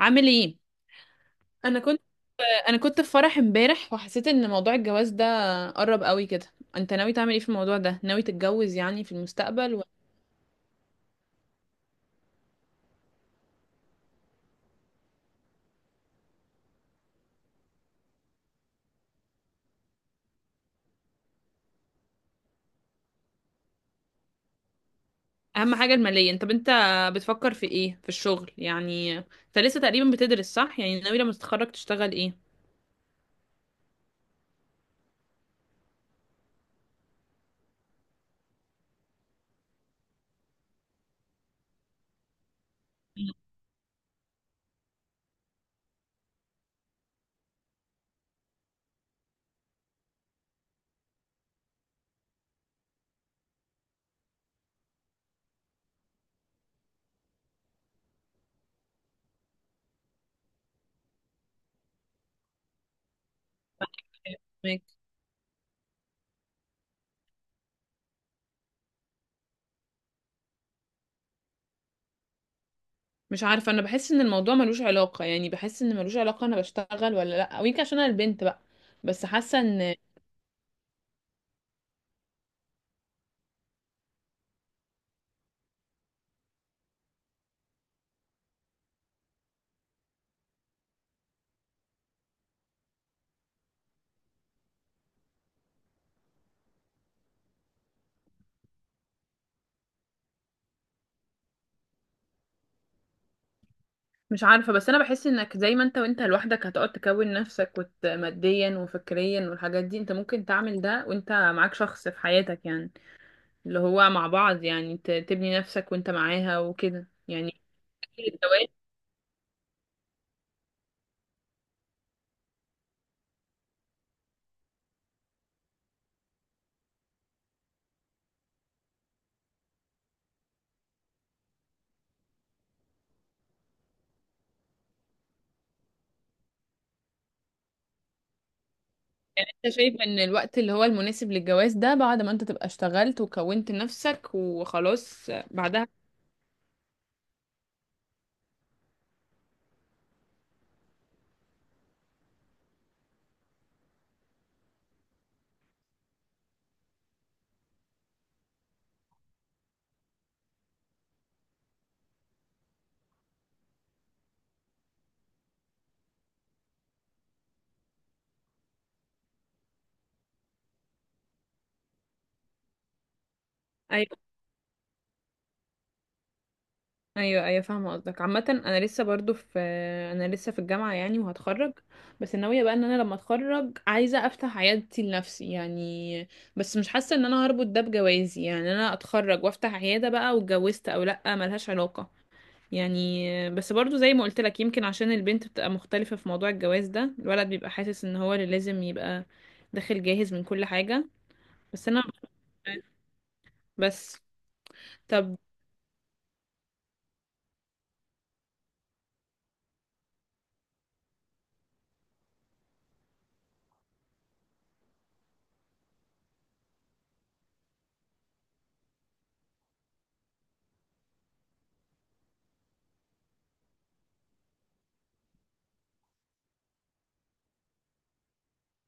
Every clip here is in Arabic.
عامل ايه؟ انا كنت انا كنت في فرح امبارح وحسيت ان موضوع الجواز ده قرب قوي كده. انت ناوي تعمل ايه في الموضوع ده؟ ناوي تتجوز يعني في المستقبل اهم حاجة المالية. انت بتفكر في ايه في الشغل؟ يعني انت لسه تقريبا بتدرس صح؟ يعني ناوي لما تتخرج تشتغل ايه؟ مم. فاهمك. مش عارفة، انا بحس ان الموضوع ملوش علاقة، يعني بحس ان ملوش علاقة انا بشتغل ولا لا، ويمكن عشان انا البنت بقى، بس حاسة ان مش عارفة. بس أنا بحس إنك زي ما أنت، وأنت لوحدك هتقعد تكون نفسك وت... ماديا وفكريا والحاجات دي، أنت ممكن تعمل ده وأنت معاك شخص في حياتك يعني، اللي هو مع بعض يعني تبني نفسك وأنت معاها وكده يعني. أكيد الجواز يعني. أنت شايف إن الوقت اللي هو المناسب للجواز ده بعد ما أنت تبقى اشتغلت وكونت نفسك وخلاص بعدها؟ أيوة. ايوه، ايوه، فاهمه قصدك. عامه انا لسه برضو في، انا لسه في الجامعه يعني وهتخرج، بس ناويه بقى ان انا لما اتخرج عايزه افتح عيادتي لنفسي يعني. بس مش حاسه ان انا هربط ده بجوازي، يعني انا اتخرج وافتح عياده بقى واتجوزت او لا، ملهاش علاقه يعني. بس برضو زي ما قلت لك، يمكن عشان البنت بتبقى مختلفه في موضوع الجواز ده. الولد بيبقى حاسس ان هو اللي لازم يبقى داخل جاهز من كل حاجه. بس انا، بس طب،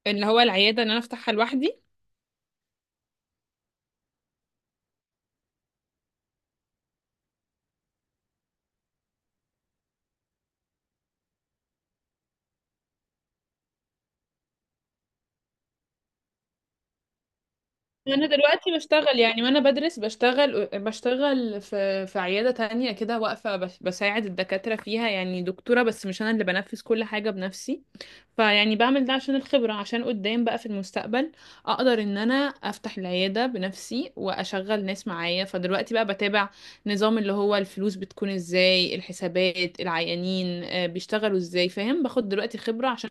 اللي هو العياده ان انا افتحها لوحدي. انا دلوقتي بشتغل يعني وانا بدرس، بشتغل، بشتغل في عياده تانية كده واقفه، بساعد الدكاتره فيها يعني دكتوره، بس مش انا اللي بنفذ كل حاجه بنفسي. فيعني بعمل ده عشان الخبره، عشان قدام بقى في المستقبل اقدر ان انا افتح العياده بنفسي واشغل ناس معايا. فدلوقتي بقى بتابع نظام اللي هو الفلوس بتكون ازاي، الحسابات، العيانين آه، بيشتغلوا ازاي، فاهم، باخد دلوقتي خبره عشان.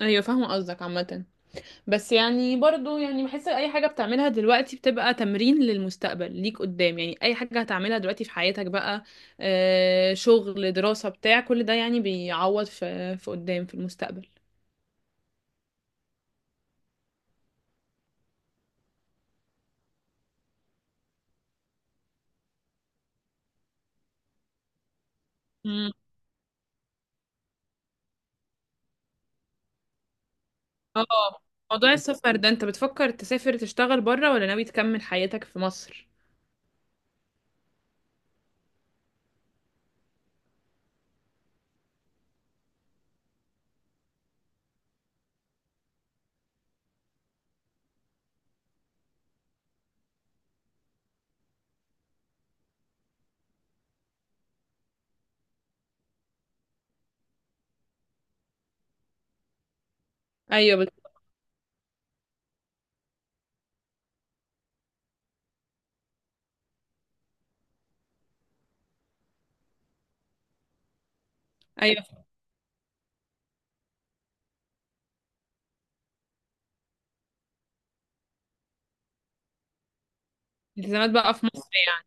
ايوه فاهمه قصدك. عامه بس يعني برضو يعني بحس اي حاجة بتعملها دلوقتي بتبقى تمرين للمستقبل ليك قدام، يعني اي حاجة هتعملها دلوقتي في حياتك بقى آه، شغل، دراسة، بتاع كل ده يعني بيعوض في قدام في المستقبل. مم. اه. موضوع السفر ده، انت بتفكر تسافر تشتغل بره ولا ناوي تكمل حياتك في مصر؟ ايوه ايوه، التزامات بقى في مصر يعني؟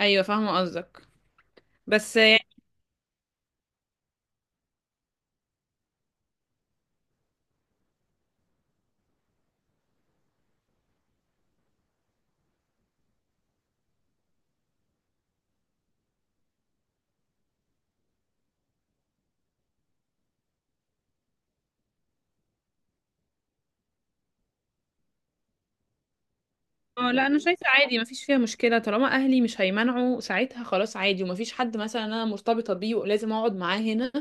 ايوه فاهمة قصدك. بس اه، لا انا شايفه عادي مفيش فيها مشكله، طالما اهلي مش هيمنعوا ساعتها خلاص عادي، ومفيش حد مثلا انا مرتبطه بيه ولازم اقعد معاه هنا،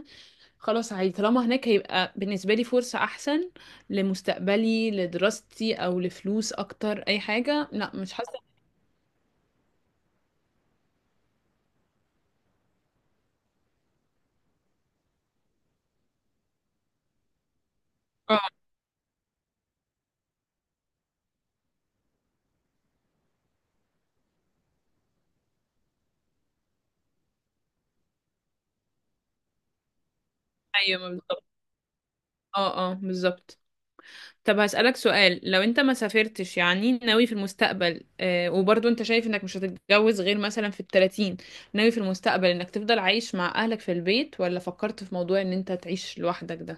خلاص عادي. طالما هناك هيبقى بالنسبه لي فرصه احسن لمستقبلي، لدراستي، او لفلوس اكتر، اي حاجه لا، مش حاسه. اه. ايوه بالظبط. اه اه بالظبط. طب هسألك سؤال، لو انت ما سافرتش يعني، ناوي في المستقبل آه، وبرضو انت شايف انك مش هتتجوز غير مثلا في 30، ناوي في المستقبل انك تفضل عايش مع اهلك في البيت، ولا فكرت في موضوع ان انت تعيش لوحدك ده؟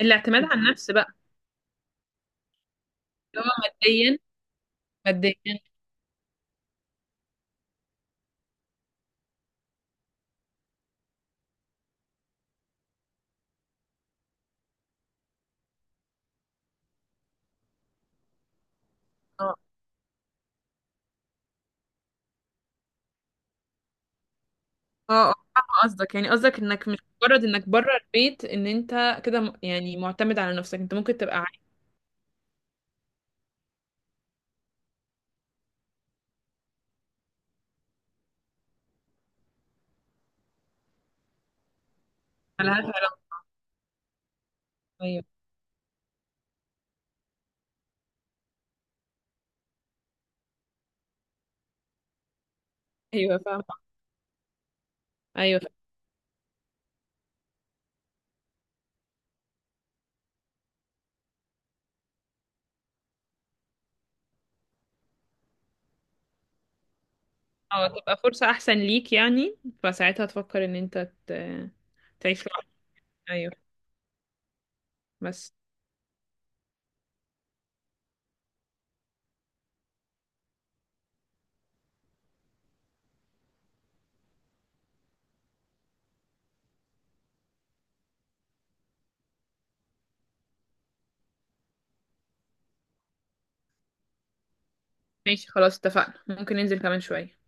الاعتماد على النفس بقى. اللي هو ماديا. ماديا. اه اه، اه فاهمة قصدك، يعني قصدك انك مش مجرد انك بره البيت ان انت كده م- يعني معتمد على نفسك، انت ممكن تبقى عايش على هذا. ايوه. ايوه فاهمة. ايوه فاهمة. اه، تبقى فرصة احسن ليك يعني. فساعتها تفكر ان انت تعيش لوحدك. ايوه. بس ماشي، خلاص اتفقنا، ممكن ننزل كمان شوية.